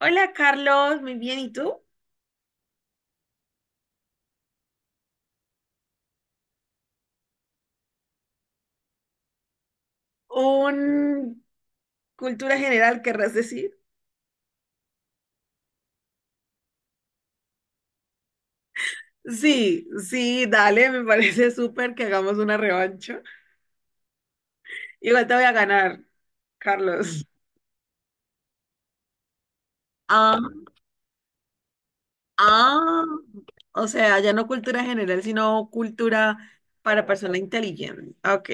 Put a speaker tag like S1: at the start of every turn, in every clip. S1: Hola Carlos, muy bien, ¿y tú? ¿Un cultura general querrás decir? Sí, sí, dale, me parece súper que hagamos una revancha. Igual te voy a ganar, Carlos. Ah, ah, o sea, ya no cultura general, sino cultura para persona inteligente. Ok,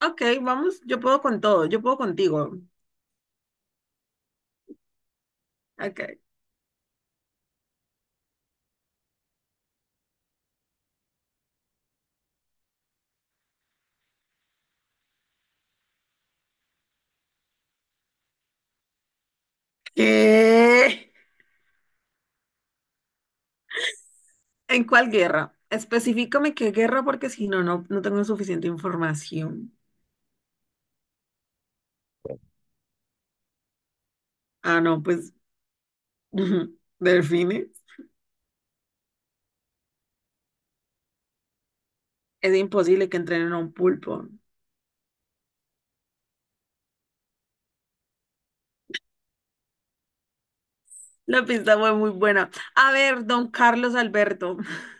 S1: ok, vamos, yo puedo con todo, yo puedo contigo. Ok. ¿Qué? ¿En cuál guerra? Específicame qué guerra porque si no, no tengo suficiente información. Ah, no, pues delfines. Es imposible que entrenen a un pulpo. La pista fue muy buena. A ver, don Carlos Alberto,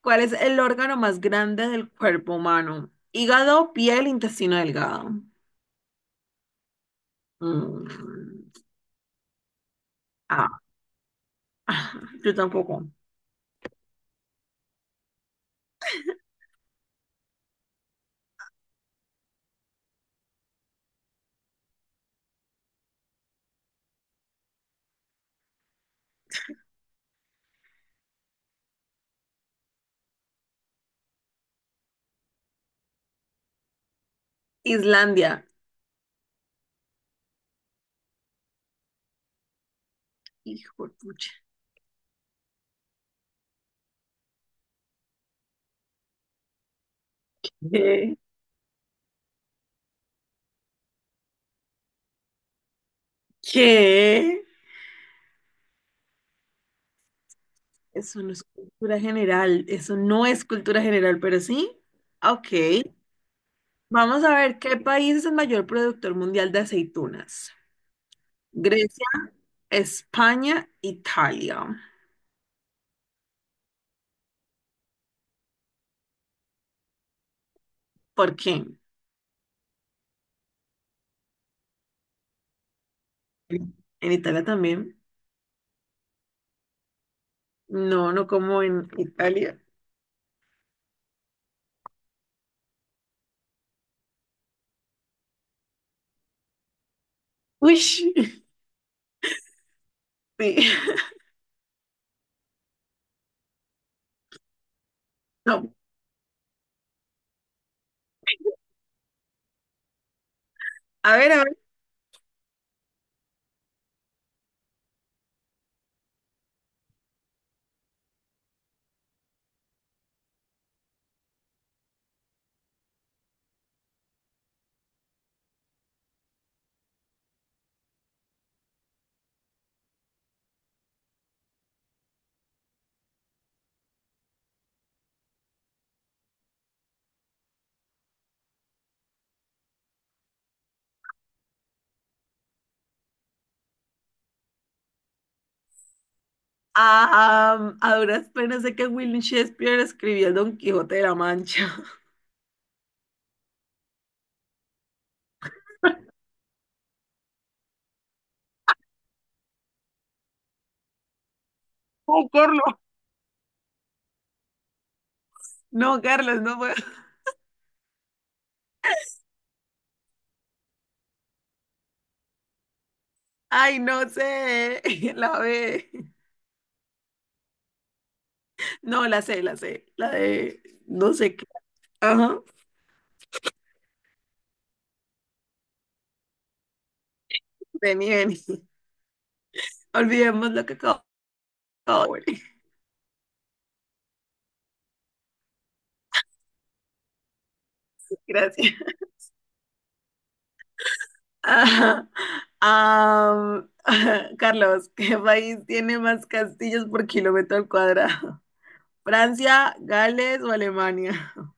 S1: ¿cuál es el órgano más grande del cuerpo humano? Hígado, piel, intestino delgado. Mm, ah, yo tampoco. Islandia. Hijo de pucha. ¿Qué? ¿Qué? Eso no es cultura general. Eso no es cultura general, pero sí. Ok. Vamos a ver qué país es el mayor productor mundial de aceitunas. Grecia, España, Italia. ¿Por qué? En Italia también. No, no como en Italia. Uy, sí. No. A ver, a ver. Ah, a duras penas sé que William Shakespeare escribió el Don Quijote de la Mancha. Oh, Carlos. No, Carlos, no puedo. Ay, no sé. La B. No, la sé, la sé. La de no sé qué. Ajá. Vení, vení. Olvidemos lo que acabo de decir. Gracias. Ajá. Am, Carlos, ¿qué país tiene más castillos por kilómetro al cuadrado? ¿Francia, Gales o Alemania?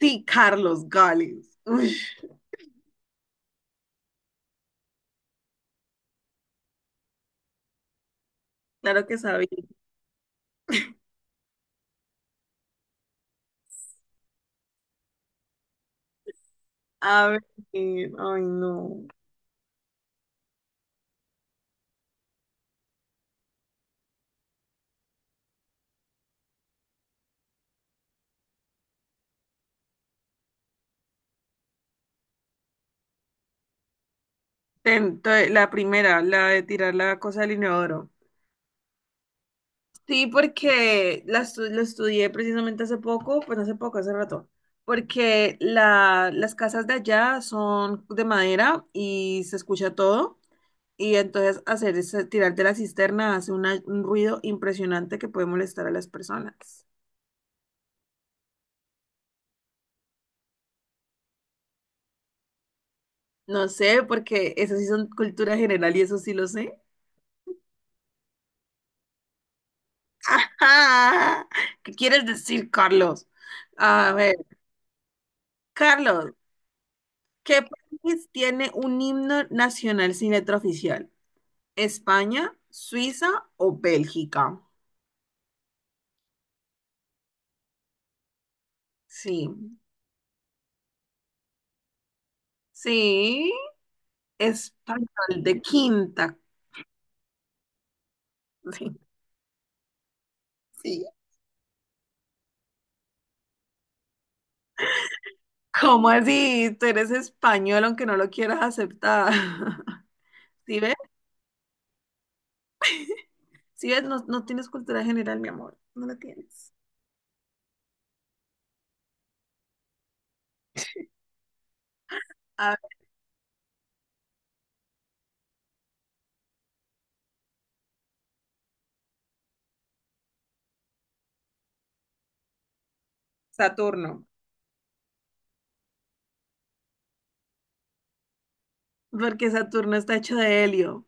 S1: Sí, Carlos, Gales. Uy, claro que sabía. A ver, ay, no. La primera, la de tirar la cosa del inodoro. Sí, porque lo estudié precisamente hace poco, pues hace poco, hace rato, porque las casas de allá son de madera y se escucha todo, y entonces hacer ese, tirar de la cisterna hace un ruido impresionante que puede molestar a las personas. No sé, porque eso sí son cultura general y eso sí lo sé. ¿Qué quieres decir, Carlos? A ver, Carlos, ¿qué país tiene un himno nacional sin letra oficial? España, Suiza o Bélgica. Sí, sí, español de quinta. Sí. Sí. ¿Cómo así? Tú eres español aunque no lo quieras aceptar. ¿Sí ves? ¿Sí ves? No, no tienes cultura general, mi amor. No la tienes. A ver, Saturno. Porque Saturno está hecho de helio.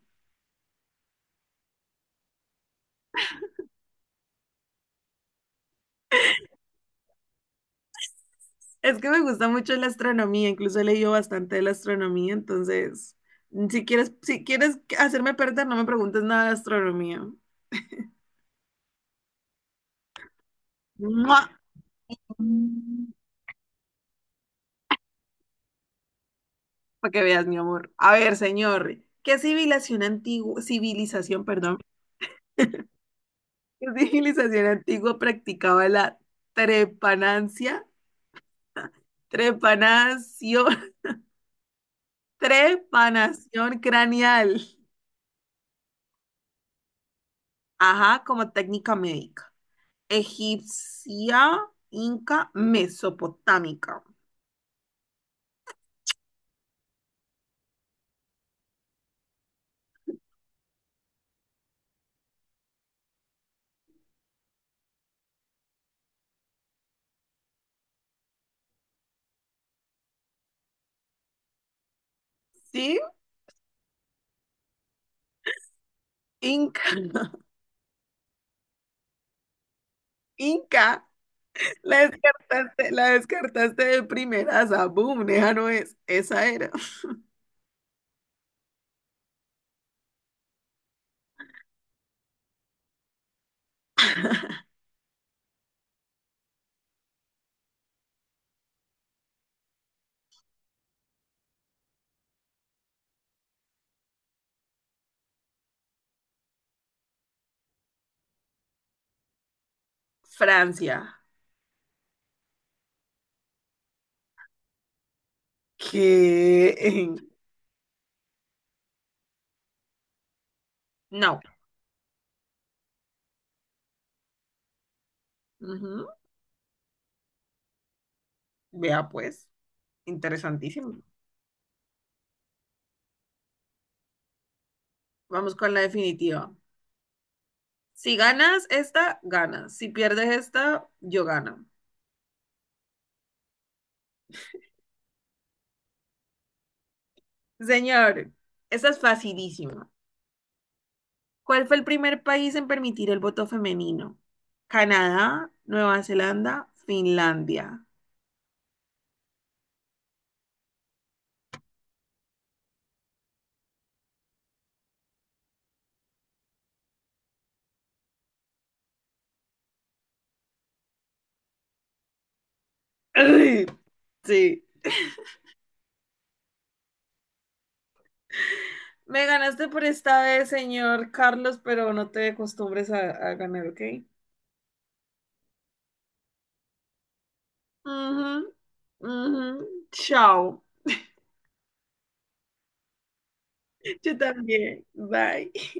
S1: Es que me gusta mucho la astronomía, incluso he leído bastante de la astronomía, entonces, si quieres hacerme perder, no me preguntes nada de astronomía. ¡Mua! Para que veas, mi amor. A ver, señor, ¿qué civilización antigua, civilización, perdón, qué civilización antigua practicaba la trepanancia, trepanación, trepanación craneal? Ajá, como técnica médica. Egipcia, inca, mesopotámica. ¿Sí? Inca, inca. La descartaste de primeras. Ah, boom, esa no es. Esa era. Francia, que no. Ujú. Vea pues, interesantísimo. Vamos con la definitiva. Si ganas esta, ganas. Si pierdes esta, yo gano. Señor, esta es facilísima. ¿Cuál fue el primer país en permitir el voto femenino? Canadá, Nueva Zelanda, Finlandia. Ay, sí. Me ganaste por esta vez, señor Carlos, pero no te acostumbres a ganar, ¿ok? Ujú, ujú. Chao. Yo también. Bye.